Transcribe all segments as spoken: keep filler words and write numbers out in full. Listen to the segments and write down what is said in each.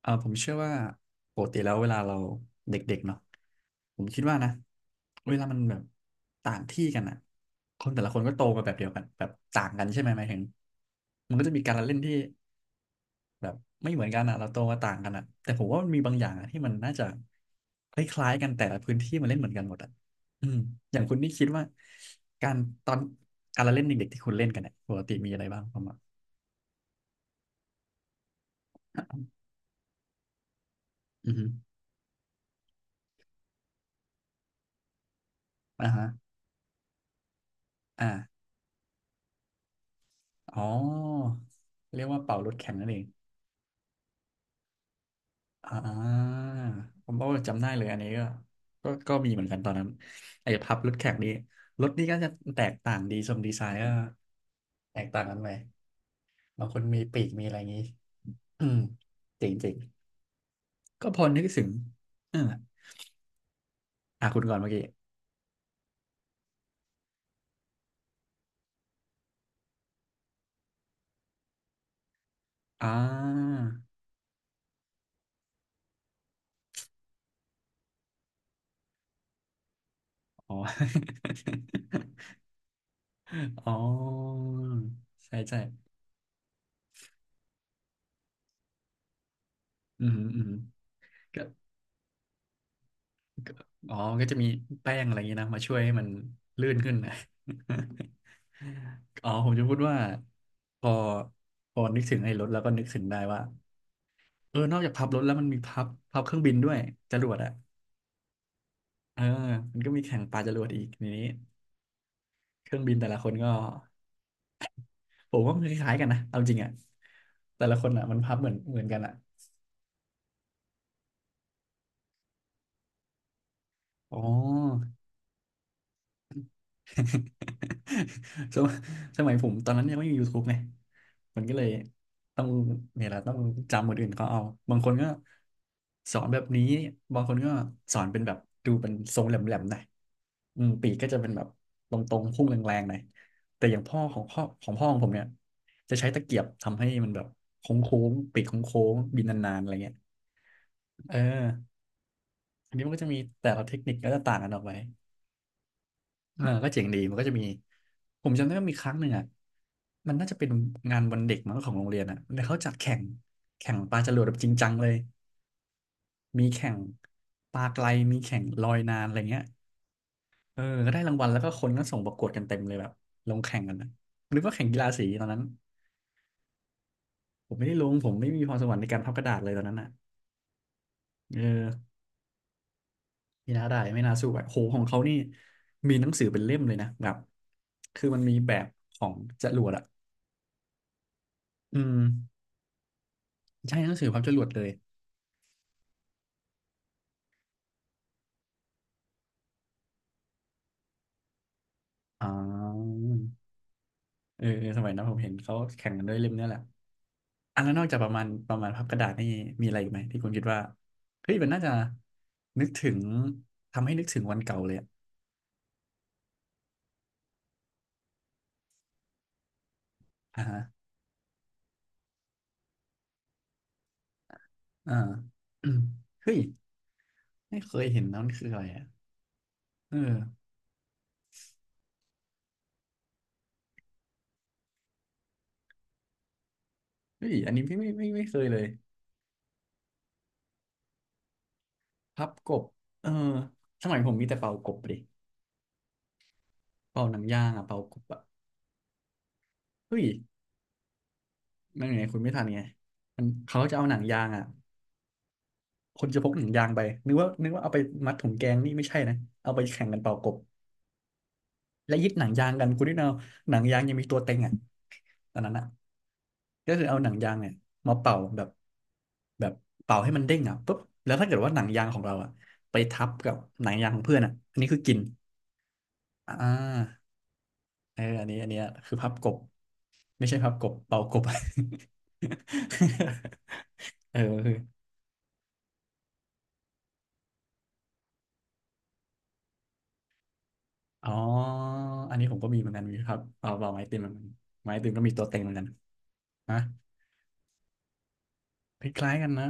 เออผมเชื่อว่าปกติแล้วเวลาเราเด็กๆเนาะผมคิดว่านะเวลามันแบบต่างที่กันอ่ะคนแต่ละคนก็โตมาแบบเดียวกันแบบต่างกันใช่ไหมหมายถึงมันก็จะมีการละเล่นที่แบบไม่เหมือนกันอ่ะเราโตมาต่างกันอ่ะแต่ผมว่ามันมีบางอย่างอะที่มันน่าจะคล้ายๆกันแต่ละพื้นที่มันเล่นเหมือนกันหมดอ่ะอืมอย่างคุณนี่คิดว่าการตอนการละเล่นเด็กๆที่คุณเล่นกันเนี่ยปกติมีอะไรบ้างประมาณอือฮึอ่าฮะอ่าอ๋อเรียกว่าเป่ารถแข่งนั่นเอง อ่าผมก็จำได้เลยอันนี้ก็ก็ก็มีเหมือนกันตอนนั้นไอ้พับรถแข่งนี่รถนี่ก็จะแตกต่างดีทรงดีไซน์ก็แตกต่างกันไปบางคนมีปีกมีอะไรอย่างนี้ อืมจริงจริงก็พอนึกถึงเอออ่ะคุณก่อนเมื่อกี้อ่าอ๋อ อ๋อใช่ใช่อืมอืมก็ อ๋อมันก็จะมีแป้งอะไรอย่างนี้นะมาช่วยให้มันลื่นขึ้นนะ อ๋อผมจะพูดว่าพอพอนึกถึงไอ้รถแล้วก็นึกถึงได้ว่าเออนอกจากพับรถแล้วมันมีพับพับเครื่องบินด้วยจรวดอ่ะเออมันก็มีแข่งปาจรวดอีกในนี้เครื่องบินแต่ละคนก็ผมว่ามันคล้ายๆกันนะเอาจริงอ่ะแต่ละคนอ่ะมันพับเหมือนเหมือนกันอ่ะอ๋อ สมสมัยผมตอนนั้นยังไม่มียูทูบไงมันก็เลยต้องเนี่ยแหละต้องจำคนอื่นเขาเอาบางคนก็สอนแบบนี้บางคนก็สอนเป็นแบบดูเป็นทรงแหลมๆหน่อยอืมปีกก็จะเป็นแบบตรงๆพุ่งแรงๆหน่อยแต่อย่างพ่อของพ่อของพ่อของผมเนี่ยจะใช้ตะเกียบทำให้มันแบบโค้งๆปีกโค้งๆบินนานๆอะไรเงี้ยเอออันนี้มันก็จะมีแต่ละเทคนิคก็จะต่างกันออกไป เออก็เจ๋งดีมันก็จะมีผมจำได้ว่ามีครั้งหนึ่งอ่ะมันน่าจะเป็นงานวันเด็กมั้งของโรงเรียนอ่ะแล้วเขาจัดแข่งแข่งปลาจรวดแบบจริงจังเลยมีแข่งปลาไกลมีแข่งลอยนานอะไรเงี้ยเออก็ได้รางวัลแล้วก็คนก็ส่งประกวดกันเต็มเลยแบบลงแข่งกันนะนึกว่าแข่งกีฬาสีตอนนั้นผมไม่ได้ลงผมไม่มีพรสวรรค์ในการพับกระดาษเลยตอนนั้นอ่ะเออไม่น่าได้ไม่น่าสู้อะโหของเขานี่มีหนังสือเป็นเล่มเลยนะแบบคือมันมีแบบของจรวดอ่ะอืมใช่หนังสือพับจรวดเลย อ๋อเออเออสมัยนั้นผมเห็นเขาแข่งกันด้วยเล่มเนี้ยแหละอันแล้วนอกจากประมาณประมาณพับกระดาษนี่มีอะไรอีกไหมที่คุณคิดว่าเฮ้ยมันน่าจะนึกถึงทำให้นึกถึงวันเก่าเลยอะอ่าฮะอ่าอืมเฮ้ยไม่เคยเห็นนะมันคืออะไรอ่ะเออเฮ้ยอันนี้พี่ไม่ไม่ไม่เคยเลยพับกบเออสมัยผมมีแต่เป่ากบดิเป่าหนังยางอ่ะเป่ากบอ่ะเฮ้ยนั่นไงคุณไม่ทันไงมันเขาจะเอาหนังยางอ่ะ คนจะพกหนังยางไปนึกว่านึกว่าเอาไปมัดถุงแกงนี่ไม่ใช่นะเอาไปแข่งกันเป่ากบและยึดหนังยางกันคุณนี่เอาหนังยางยังมีตัวเต็งอ่ะตอนนั้นอ่ะก็คือเอาหนังยางเนี่ยมาเป่าแบบแบบเป่าให้มันเด้งอ่ะปุ๊บแล้วถ้าเกิดว่าหนังยางของเราอ่ะไปทับกับหนังยางของเพื่อนอ่ะอันนี้คือกินอ่าเอออันนี้อันเนี้ยคือพับกบไม่ใช่พับกบเป่ากบ เออ อ๋ออันนี้ผมก็มีเหมือนกันมีครับเอาเอาไม้ตีนเหมือนกันไม้ตีนก็มีตัวเต็งเหมือนกันนะคล้ายๆกันนะ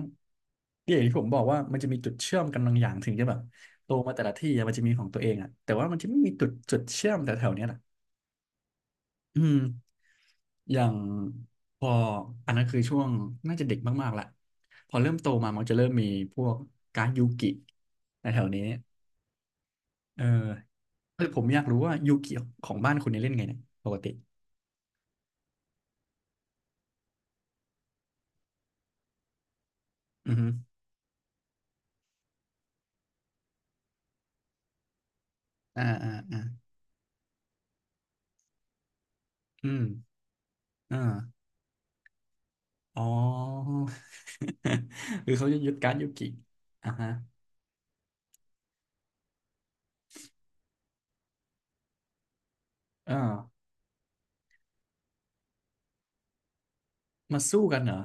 ที่อย่างที่ผมบอกว่ามันจะมีจุดเชื่อมกันบางอย่างถึงจะแบบโตมาแต่ละที่อะมันจะมีของตัวเองอ่ะแต่ว่ามันจะไม่มีจุดจุดเชื่อมแต่แถวๆเนี้ยแหละอืมอย่างพออันนั้นคือช่วงน่าจะเด็กมากๆละพอเริ่มโตมามันจะเริ่มมีพวกการดยูกิในแถวนี้เออเออผมอยากรู้ว่ายูกิของบ้านคุณเนี่ยเล่นไงเนี่ยปกติอือฮึอ่าอ่าอ่า อืมอ่าอ๋อ หรือเขาจะยึดการ์ดยูกิอ่าฮะเออมาสู้กันเหรอ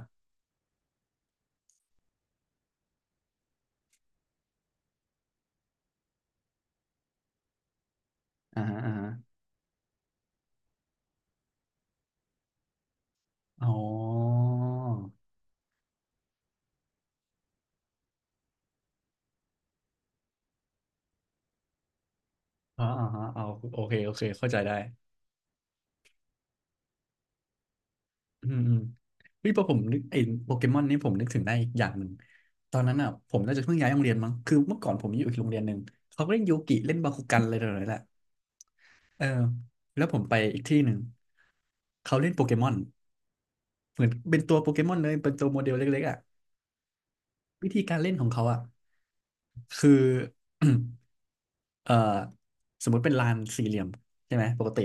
อ่าฮะอ่าฮะอ๋ออ่าอ่าฮะเอาโอเคโอเคเข้าใจได้อืมอืมเฮ้ยพอผมนึกไอ้โปเกมอนนี่ผมนึกถึงได้อีกอย่างหนึ่งตอนนั้นอ่ะผมน่าจะเพิ่งย้ายโรงเรียนมั้งคือเมื่อก่อนผมอยู่อีกโรงเรียนหนึ่งเขาก็เล่นโยกิเล่นบาคุกันอะไรต่ออะไรแหละเออแล้วผมไปอีกที่หนึ่งเขาเล่นโปเกมอนเหมือนเป็นตัวโปเกมอนเลยเป็นตัวโมเดลเล็กๆอ่ะ วิธีการเล่นของเขาอ่ะคือ เอ่อสมมติเป็นลานสี่เหลี่ยมใช่ไหมปกติ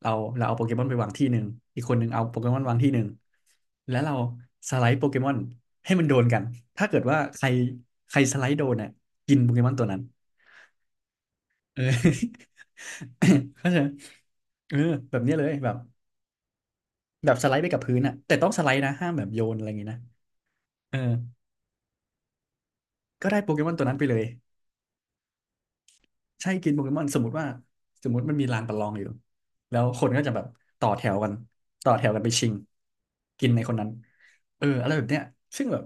เราเราเอาโปเกมอนไปวางที่หนึ่งอีกคนหนึ่งเอาโปเกมอนวางที่หนึ่งแล้วเราสไลด์โปเกมอนให้มันโดนกันถ้าเกิดว่าใครใครสไลด์โดนเนี่ยกินโปเกมอนตัวนั้นเออ เข้าใจไหมเออแบบเนี้ยเลยแบบแบบสไลด์ไปกับพื้นอ่ะแต่ต้องสไลด์นะห้ามแบบโยนอะไรอย่างงี้นะเออก็ได้โปเกมอนตัวนั้นไปเลย ใช่กินโปเกมอนสมมติว่าสมมติมันมีลานประลองอยู่แล้วคนก็จะแบบต่อแถวกันต่อแถวกันไปชิงกินในคนนั้นเอออะไรแบบเนี้ยซึ่งแบบ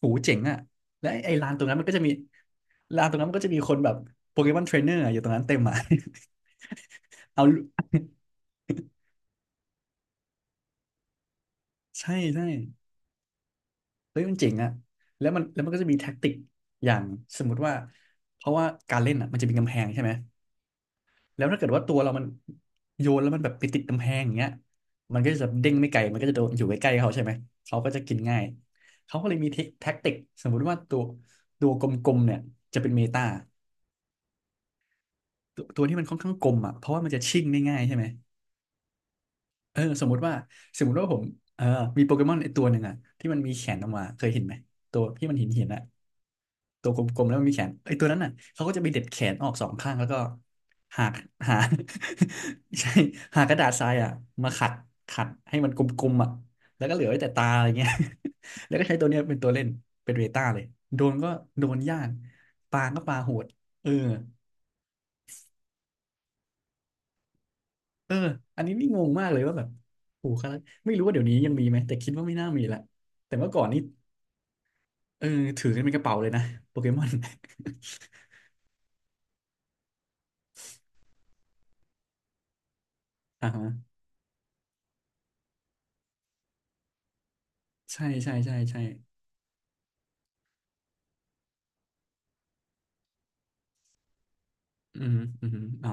หูเจ๋งอ่ะและไอ้ไอ้ลานตรงนั้นมันก็จะมีลานตรงนั้นมันก็จะมีคนแบบโปเกมอนเทรนเนอร์อยู่ตรงนั้นเต็มอ่ะ เอาใช่ใช่เฮ้ยมันเจ๋งอ่ะแล้วมันแล้วมันก็จะมีแท็กติกอย่างสมมุติว่าเพราะว่าการเล่นอ่ะมันจะมีกำแพงใช่ไหม แล้วถ้าเกิดว่าตัวเรามันโยนแล้วมันแบบไปติดกำแพงอย่างเงี้ยมันก็จะเด้งไม่ไกลมันก็จะโดนอยู่ใกล้ๆเขาใช่ไหมเขาก็จะกินง่ายเขาก็เลยมีเทคแท็กติกสมมุติว่าตัวตัวกลมๆเนี่ยจะเป็นเมตาตัวตัวที่มันค่อนข้างกลมอ่ะเพราะว่ามันจะชิ่งได้ง่ายใช่ไหม เออสมมติว่าสมมติว่าผมเออมีโปเกมอนไอตัวหนึ่งอะที่มันมีแขนออกมาเคยเห็นไหมตัวที่มันหินหินอะตัวกลมๆแล้วมันมีแขนไอตัวนั้นอะเขาก็จะไปเด็ดแขนออกสองข้างแล้วก็หากหา ใช่หากระดาษทรายอะมาขัดขัดให้มันกลมๆอะแล้วก็เหลือไว้แต่ตาอะไรเงี้ย แล้วก็ใช้ตัวเนี้ยเป็นตัวเล่นเป็นเวต้าเลยโดนก็โดนยากปาก็ปาโหดเออ เอออันนี้นี่งงมากเลยว่าแบบโอ้โหคาราไม่รู้ว่าเดี๋ยวนี้ยังมีไหมแต่คิดว่าไม่น่ามีละแต่เมื่อก่อนนี่เออถือกันเป็นกระเป๋าเลยนะโปเกมอน อ่าฮะใช่ใช่ใช่ใช่อืมอืมอ๋อ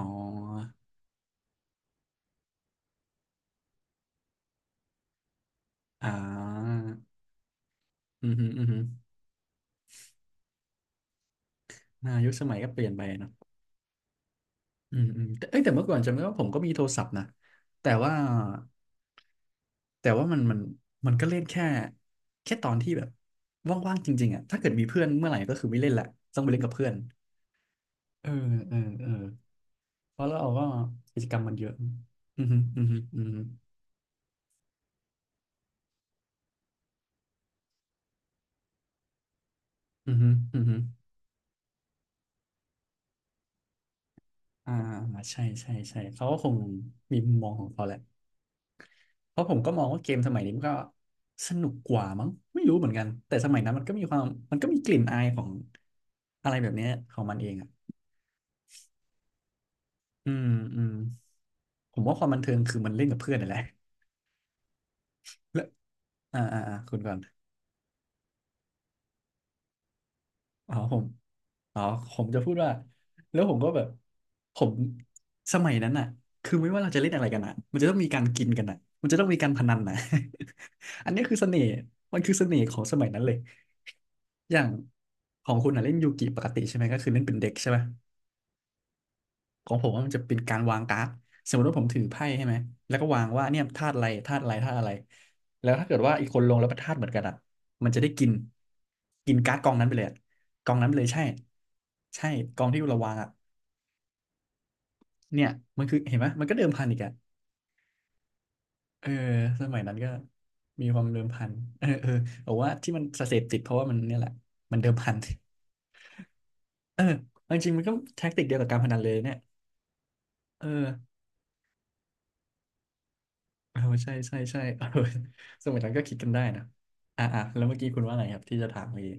อ่าอืมอืมอืมนายุคสมัยก็เปลี่ยนไปเนอะอืมอืมแต่เอ้ยแต่เมื่อก่อนจำได้ว่าผมก็มีโทรศัพท์นะแต่ว่าแต่ว่ามันมันมันก็เล่นแค่แค่ตอนที่แบบว่างๆจริงๆอ่ะถ้าเกิดมีเพื่อนเมื่อไหร่ก็คือไม่เล่นละ ต้องไปเล่นกับเพื่อนเออเออเออ เพราะเราก็กิจกรรมมันเยอะอือฮึอือฮึอือฮึอือฮึอือฮึอ่าใช่ใช่ใช่เขาก็คงมีมุมมองของเขาแหละเพราะผมก็มองว่าเกมสมัยนี้มันก็สนุกกว่ามั้งไม่รู้เหมือนกันแต่สมัยนั้นมันก็มีความมันก็มีกลิ่นอายของอะไรแบบเนี้ยของมันเองอ่ะอืมอืมผมว่าความบันเทิงคือมันเล่นกับเพื่อนนี่นแหละ แล้วอ่าอ่าอ่าคุณก่อนอ๋อผม อ๋อผมจะพูดว่าแล้วผมก็แบบผมสมัยนั้นอ่ะคือไม่ว่าเราจะเล่นอะไรกันอ่ะมันจะต้องมีการกินกันอ่ะมันจะต้องมีการพนันน่ะ อันนี้คือเสน่ห์มันคือเสน่ห์ของสมัยนั้นเลยอย่างของคุณอ่ะเล่นยูกิปกติใช่ไหมก็คือเล่นเป็นเด็กใช่ไหม ของผมว่ามันจะเป็นการวางการ์ดสมมติว่าผมถือไพ่ใช่ไหมแล้วก็วางว่าเนี่ยธาตุอะไรธาตุอะไรธาตุอะไรแล้วถ้าเกิดว่าอีกคนลงแล้วเป็นธาตุเหมือนกันอ่ะมันจะได้กินกินการ์ดกองนั้นไปเลยอะกองนั้นไปเลยใช่ใช่กองที่เราวางอ่ะเนี่ยมันคือเห็นไหมมันก็เดิมพันอีกอ่ะเออสมัยนั้นก็มีความเดิมพันเออเออบอกว่าที่มันเสพติดเพราะว่ามันเนี่ยแหละมันเดิมพัน เออจริงๆมันก็แท็กติกเดียวกับการพนันเลยเนี่ยเออ เออใช่ใช่ใช่ เออสมัยนั้นก็คิดกันได้นะอ่ะอ่ะแล้วเมื่อกี้คุณว่าอะไรครับที่จะถามเมื่อกี้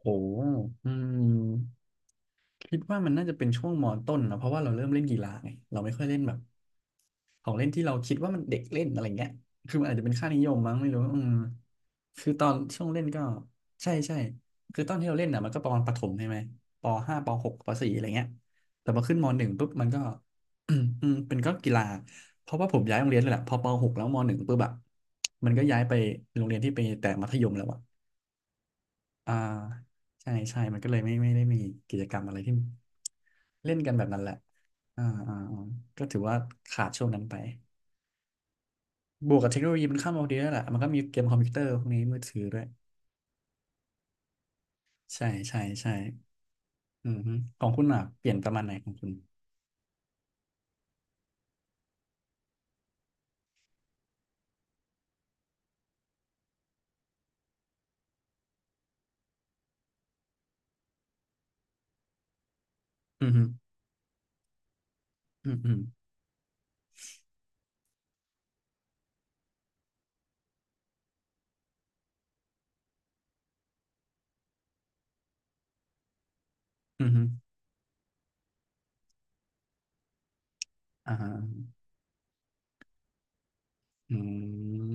โอ้อืม คิดว่ามันน่าจะเป็นช่วงมต้นนะเพราะว่าเราเริ่มเล่นกีฬาไงเราไม่ค่อยเล่นแบบของเล่นที่เราคิดว่ามันเด็กเล่นอะไรเงี้ยคือมันอาจจะเป็นค่านิยมมั้งไม่รู้อืมคือตอนช่วงเล่นก็ใช่ใช่คือตอนที่เราเล่นอ่ะมันก็ประมาณประถมใช่ไหมปห้าปหกปสี่อะไรเงี้ยแต่พอขึ้นมหนึ่งปุ๊บมันก็ อืมเป็นก็กีฬาเพราะว่าผมย้ายโรงเรียนเลยแหละพอปหกแล้วมหนึ่งปุ๊บแบบมันก็ย้ายไปโรงเรียนที่ไปแต่มัธยมแล้วอะ อ่าใช่ใช่มันก็เลยไม่ไม่ได้มีกิจกรรมอะไรที่เล่นกันแบบนั้นแหละอ่าอ่าอ่าก็ถือว่าขาดช่วงนั้นไปบวกกับเทคโนโลยีมันเข้ามาพอดีแล้วยแหละมันก็มีเกมคอมพิวเตอร์พวกนี้มือถือด้วยใช่ใช่ใช่อือฮึของคุณอ่ะเปลี่ยนประมาณไหนของคุณอือฮึอือฮึอือฮึอ่าฮะอืม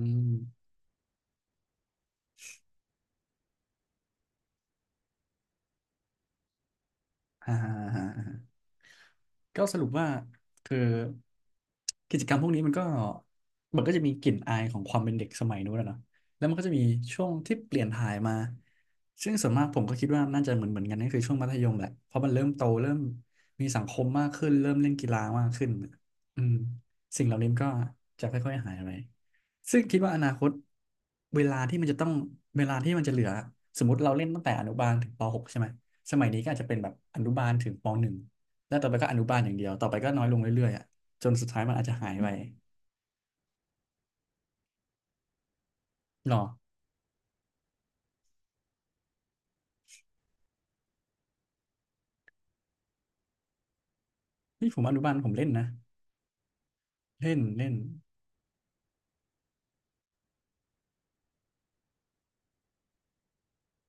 อ่าฮะอ่าฮะ ก็สรุปว่าคือกิจกรรมพวกนี้มันก็มันก็จะมีกลิ่นอายของความเป็นเด็กสมัยนู้นอะเนาะแล้วมันก็จะมีช่วงที่เปลี่ยนถ่ายมาซึ่งส่วนมากผมก็คิดว่าน่าจะเหมือนเหมือนกันนั่นคือช่วงมัธยมแหละเพราะมันเริ่มโตเริ่มมีสังคมมากขึ้นเริ่มเล่นกีฬามากขึ้นอืมสิ่งเหล่านี้มันก็จะค่อยๆหายไปซึ่งคิดว่าอนาคตเวลาที่มันจะต้องเวลาที่มันจะเหลือสมมติเราเล่นตั้งแต่อนุบาลถึงปหกใช่ไหมสมัยนี้ก็อาจจะเป็นแบบอนุบาลถึงปหนึ่ง แล้วต่อไปก็อนุบาลอย่างเดียวต่อไปก็น้อยลงเรื่อยๆอ่ะจนสุดท้ายมันอาจจะหายไปหรอนี่ผมอนุบาลผมเล่นนะเล่นเล่น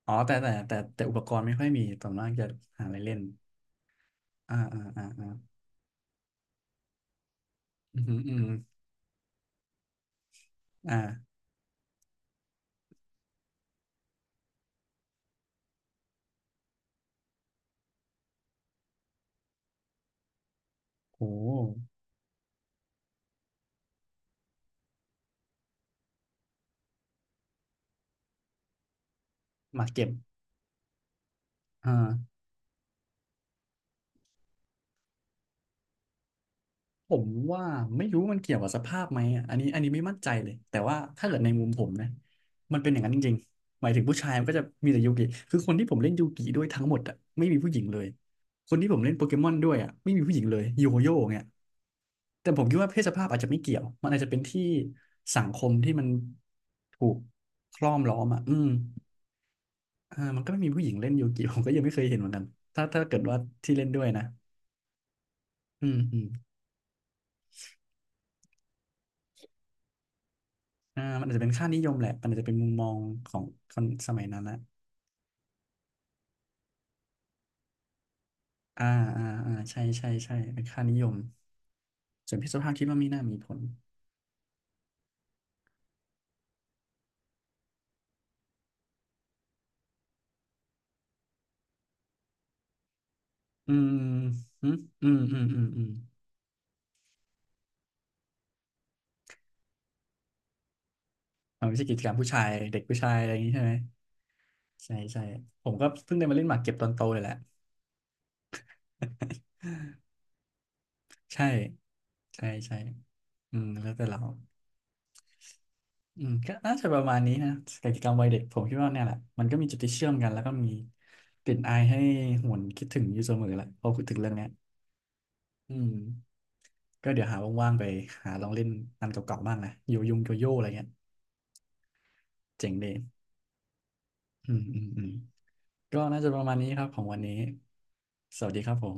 อ๋อแต่แต่แต่แต่แต่อุปกรณ์ไม่ค่อยมีต่นนั้นจะหาอะไรเล่นอ่าอ่าอ่าอ่าอืมอหืมออือหืออ่าโหหมากเก็บอ่า ผมว่าไม่รู้มันเกี่ยวกับสภาพไหมอะอันนี้อันนี้ไม่มั่นใจเลยแต่ว่าถ้าเกิดในมุมผมนะมันเป็นอย่างนั้นจริงๆหมายถึงผู้ชายมันก็จะมีแต่ยูกิคือคนที่ผมเล่นยูกิด้วยทั้งหมดอ่ะไม่มีผู้หญิงเลยคนที่ผมเล่นโปเกมอนด้วยอ่ะไม่มีผู้หญิงเลยโยโย่เนี่ยแต่ผมคิดว่าเพศสภาพอาจจะไม่เกี่ยวมันอาจจะเป็นที่สังคมที่มันถูกครอบล้อมอ่ะอืมอ่ามันก็ไม่มีผู้หญิงเล่นยูกิผมก็ยังไม่เคยเห็นเหมือนกันถ้าถ้าเกิดว่าที่เล่นด้วยนะอืมอืม อ่ามันอาจจะเป็นค่านิยมแหละมันอาจจะเป็นมุมมองของคนสมัยนั้นละอ่าอ่าอ่าใช่ใช่ใช่ เป็นค่านิยมส่วนเพศสภาพคิดว่าไม่น่ามีผลอืมอืมอืมอืมอืมอืมมันไม่ใช่กิจกรรมผู้ชาย เด็กผู้ชายอะไรอย่างนี้ใช่ไหมใช่ใช่ผมก็เพิ่งได้มาเล่นหมากเก็บตอนโตเลยแหละใช่ใช่ใช่อืมแล้วแต่เราอืมก็น่าจะประมาณนี้นะกิจกรรมวัยเด็กผมคิดว่าเนี่ยแหละ มันก็มีจุดที่เชื่อมกันแล้วก็มีกลิ่นอายให้หวนคิดถึงอยู่เสมอแหละพอพูดถึงเรื่องเนี้ยอืม ก็เดี๋ยวหาว่างๆไปหาลองเล่นอันเก่าๆบ้างนะโยยงโยโย่อะไรเงี้ยเจ๋งดีอืมอืมอืมก็น่าจะประมาณนี้ครับของวันนี้สวัสดีครับผม